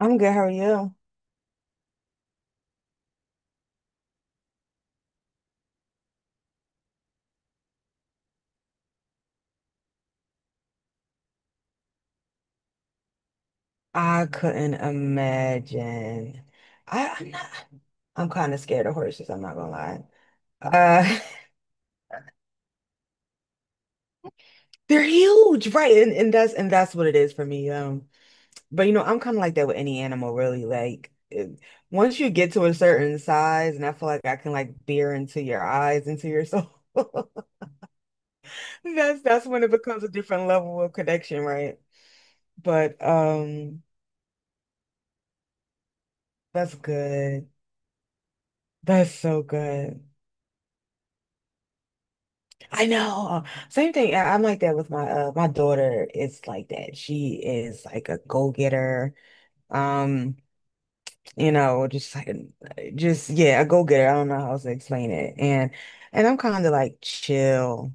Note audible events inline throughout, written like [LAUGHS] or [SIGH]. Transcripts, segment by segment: I'm good. How are you? I couldn't imagine. I'm not, I'm kind of scared of horses. I'm not gonna lie. Uh, [LAUGHS] they're huge, right? And that's what it is for me. But I'm kind of like that with any animal, really. Like, once you get to a certain size, and I feel like I can like peer into your eyes, into your soul. [LAUGHS] That's when it becomes a different level of connection, right? But that's good. That's so good. I know. Same thing. I'm like that with my daughter is like that. She is like a go-getter. Um, just like just yeah, a go-getter. I don't know how else to explain it. And I'm kind of like chill,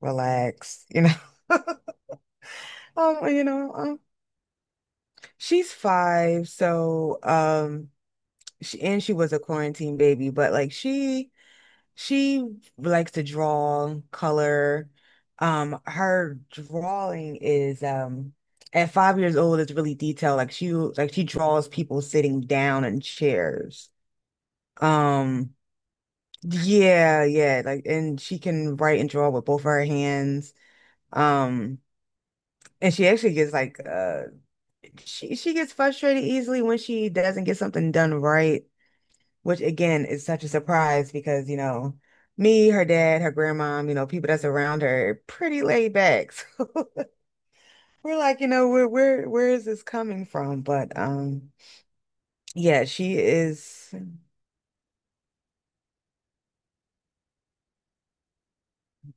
relax. [LAUGHS] Um, you know, um, she's five, so she was a quarantine baby, but like she likes to draw, color. Her drawing is at 5 years old, it's really detailed. Like she draws people sitting down in chairs. Um, yeah, yeah. Like, and she can write and draw with both of her hands. Um, and she actually gets like she gets frustrated easily when she doesn't get something done right, which again is such a surprise because, me, her dad, her grandmom, people that's around her, are pretty laid back. [LAUGHS] So we're like, where is this coming from? But yeah, she is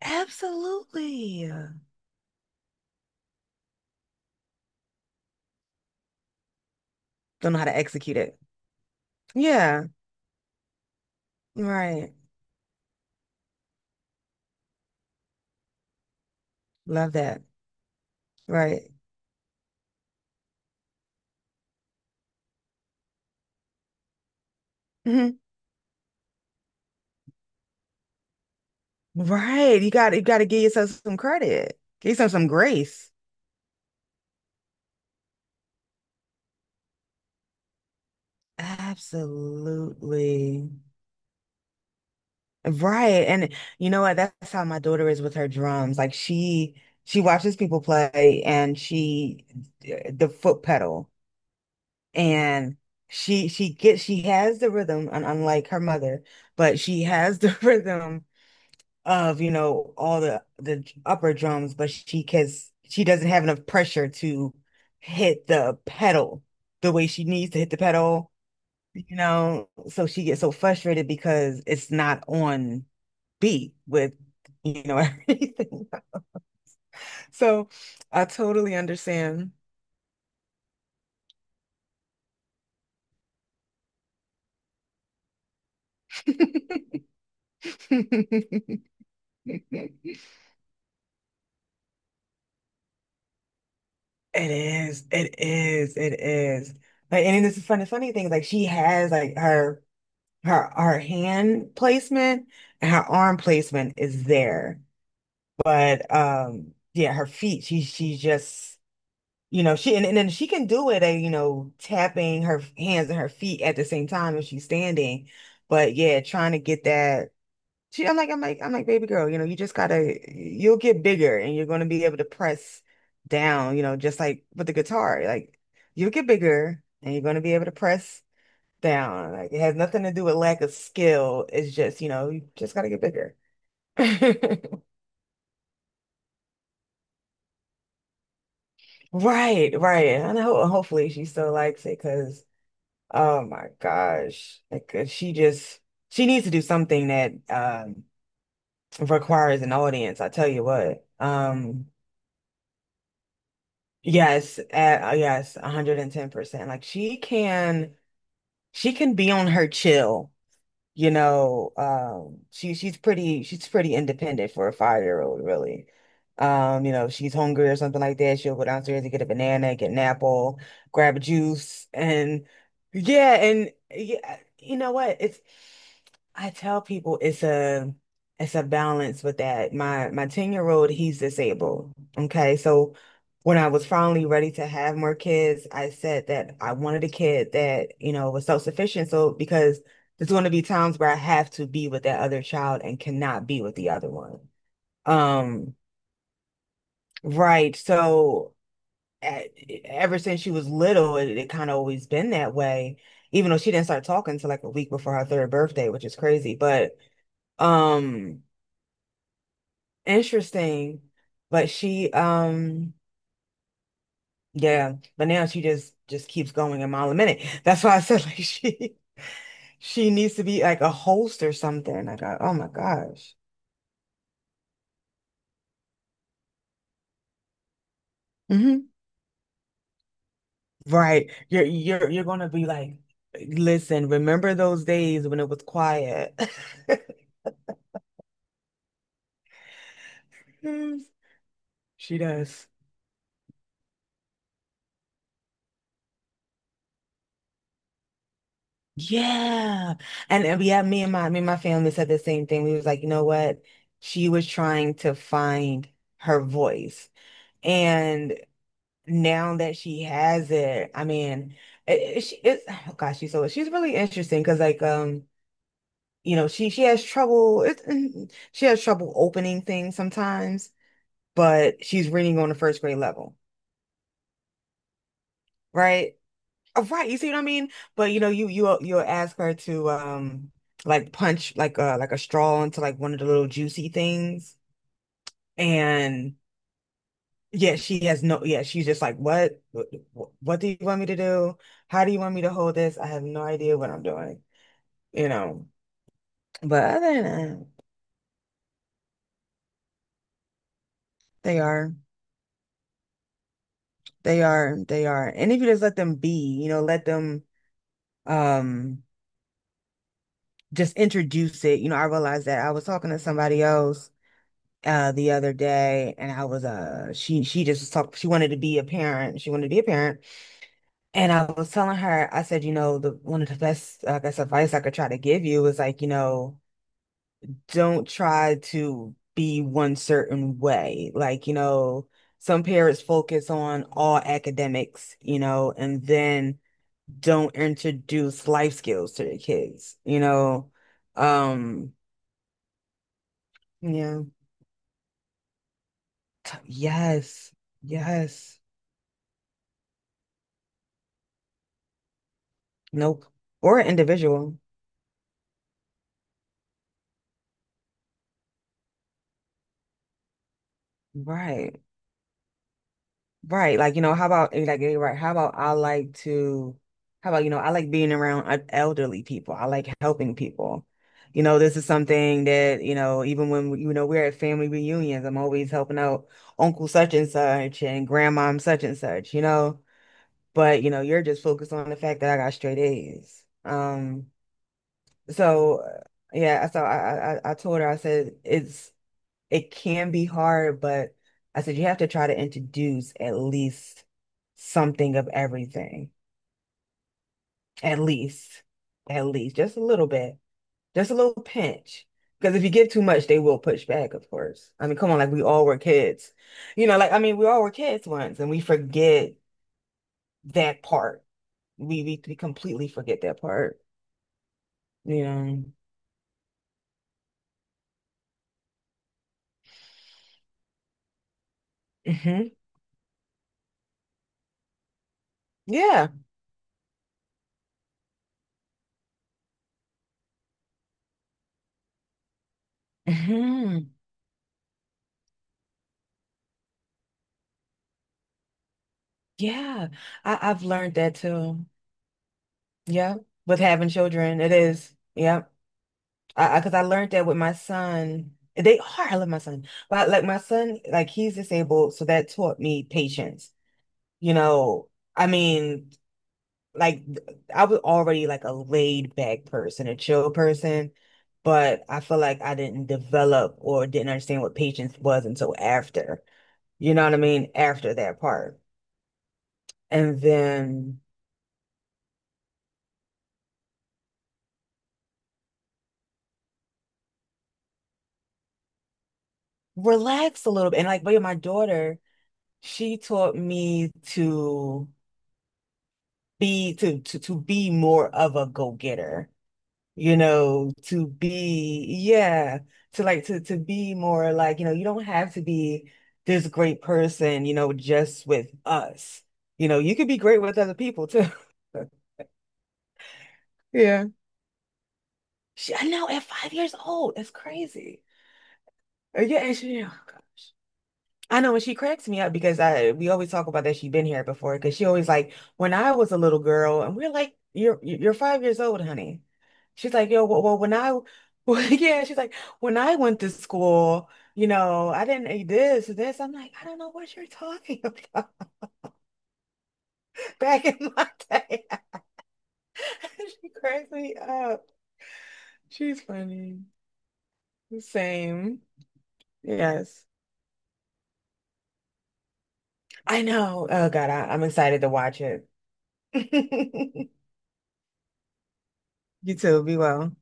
absolutely. Don't know how to execute it. Yeah, right. Love that. Right. Hmm. Right. You got to give yourself some credit. Give yourself some grace. Absolutely. Right. And you know what? That's how my daughter is with her drums. Like she watches people play, and she the foot pedal, and she has the rhythm, and unlike her mother, but she has the [LAUGHS] rhythm of, all the upper drums, but she cause she doesn't have enough pressure to hit the pedal the way she needs to hit the pedal, so she gets so frustrated because it's not on beat with, [LAUGHS] everything. So I totally understand. [LAUGHS] It is, it is, it is. Like, and this is funny, funny thing, like she has like her hand placement and her arm placement is there. But yeah, her feet, she just she, and then she can do it, you know, tapping her hands and her feet at the same time if she's standing. But yeah, trying to get that. I'm like, baby girl, you'll get bigger and you're gonna be able to press down, you know, just like with the guitar. Like, you'll get bigger and you're gonna be able to press down. Like, it has nothing to do with lack of skill. It's just, you know, you just gotta get bigger. [LAUGHS] Right, right. And hopefully she still likes it, because oh my gosh. She needs to do something that requires an audience, I tell you what. Yes, yes, 110%. Like she can be on her chill, she's pretty independent for a 5-year old, really. If she's hungry or something like that, she'll go downstairs and get a banana, get an apple, grab a juice, and yeah, you know what? It's I tell people it's a balance with that. My 10-year-old, he's disabled. Okay. So when I was finally ready to have more kids, I said that I wanted a kid that, you know, was self-sufficient. So because there's going to be times where I have to be with that other child and cannot be with the other one. Um, right. So ever since she was little, it kind of always been that way, even though she didn't start talking until like a week before her third birthday, which is crazy. But um, interesting. But she, um, yeah. But now she just keeps going a mile a minute. That's why I said, like, [LAUGHS] she needs to be like a host or something. Like, oh my gosh. Mhm. Right. You're gonna be like, listen, remember those days when it was quiet? [LAUGHS] She does. Yeah. And yeah, me and my family said the same thing. We was like, you know what? She was trying to find her voice. And now that she has it, I mean, it- she it's oh gosh, she's really interesting because, like, you know, she has trouble, mm-hmm, she has trouble opening things sometimes, but she's reading on the first grade level, right? Oh, right, you see what I mean? But you'll ask her to like punch like a straw into like one of the little juicy things, and yeah, she has no yeah, she's just like, what do you want me to do? How do you want me to hold this? I have no idea what I'm doing, you know. But other than that, they are, they are, they are, and if you just let them be, you know, let them um. just introduce it. You know, I realized that I was talking to somebody else the other day, and I was she just was talk she wanted to be a parent. She wanted to be a parent. And I was telling her, I said, you know, the one of the best, I guess, advice I could try to give you is, like, don't try to be one certain way. Like, some parents focus on all academics, you know, and then don't introduce life skills to their kids. Um, yeah. Yes, yes. No, or an individual. Right, right. Like, how about like, right? How about, I like being around, elderly people. I like helping people. You know, this is something that, you know, even when we're at family reunions, I'm always helping out Uncle such and such and Grandmom such and such. But, you're just focused on the fact that I got straight A's. So yeah, so I told her, I said, it can be hard, but I said you have to try to introduce at least something of everything. At least, at least, just a little bit, just a little pinch. Because if you give too much, they will push back, of course. I mean, come on, like we all were kids. You know, like I mean, we all were kids once and we forget that part. We completely forget that part. You know. Hmm. Yeah. Hmm. Yeah. I've learned that too. Yeah, with having children, it is. Yeah, because I learned that with my son. They are. I love my son, but like my son, like he's disabled, so that taught me patience. You know, I mean, like, I was already like a laid back person, a chill person, but I feel like I didn't develop or didn't understand what patience was until after. You know what I mean? After that part, and then relax a little bit, and like, but yeah, my daughter. She taught me to be more of a go-getter, you know, to be yeah, to be more like, you know, you don't have to be this great person, you know, just with us. You know, you could be great with other people too. [LAUGHS] Yeah. I know, at 5 years old, that's crazy. Yeah, and oh gosh. I know, and she cracks me up because I we always talk about that she's been here before, because she always like when I was a little girl, and we're like, you're 5 years old, honey. She's like, yo, well, well when I well, [LAUGHS] yeah, she's like, when I went to school, I didn't eat this or this. I'm like, I don't know what you're talking about. [LAUGHS] Back in my day. [LAUGHS] She cracks me up. She's funny. Same. Yes. I know. Oh God, I'm excited to watch it. [LAUGHS] You too. Be well.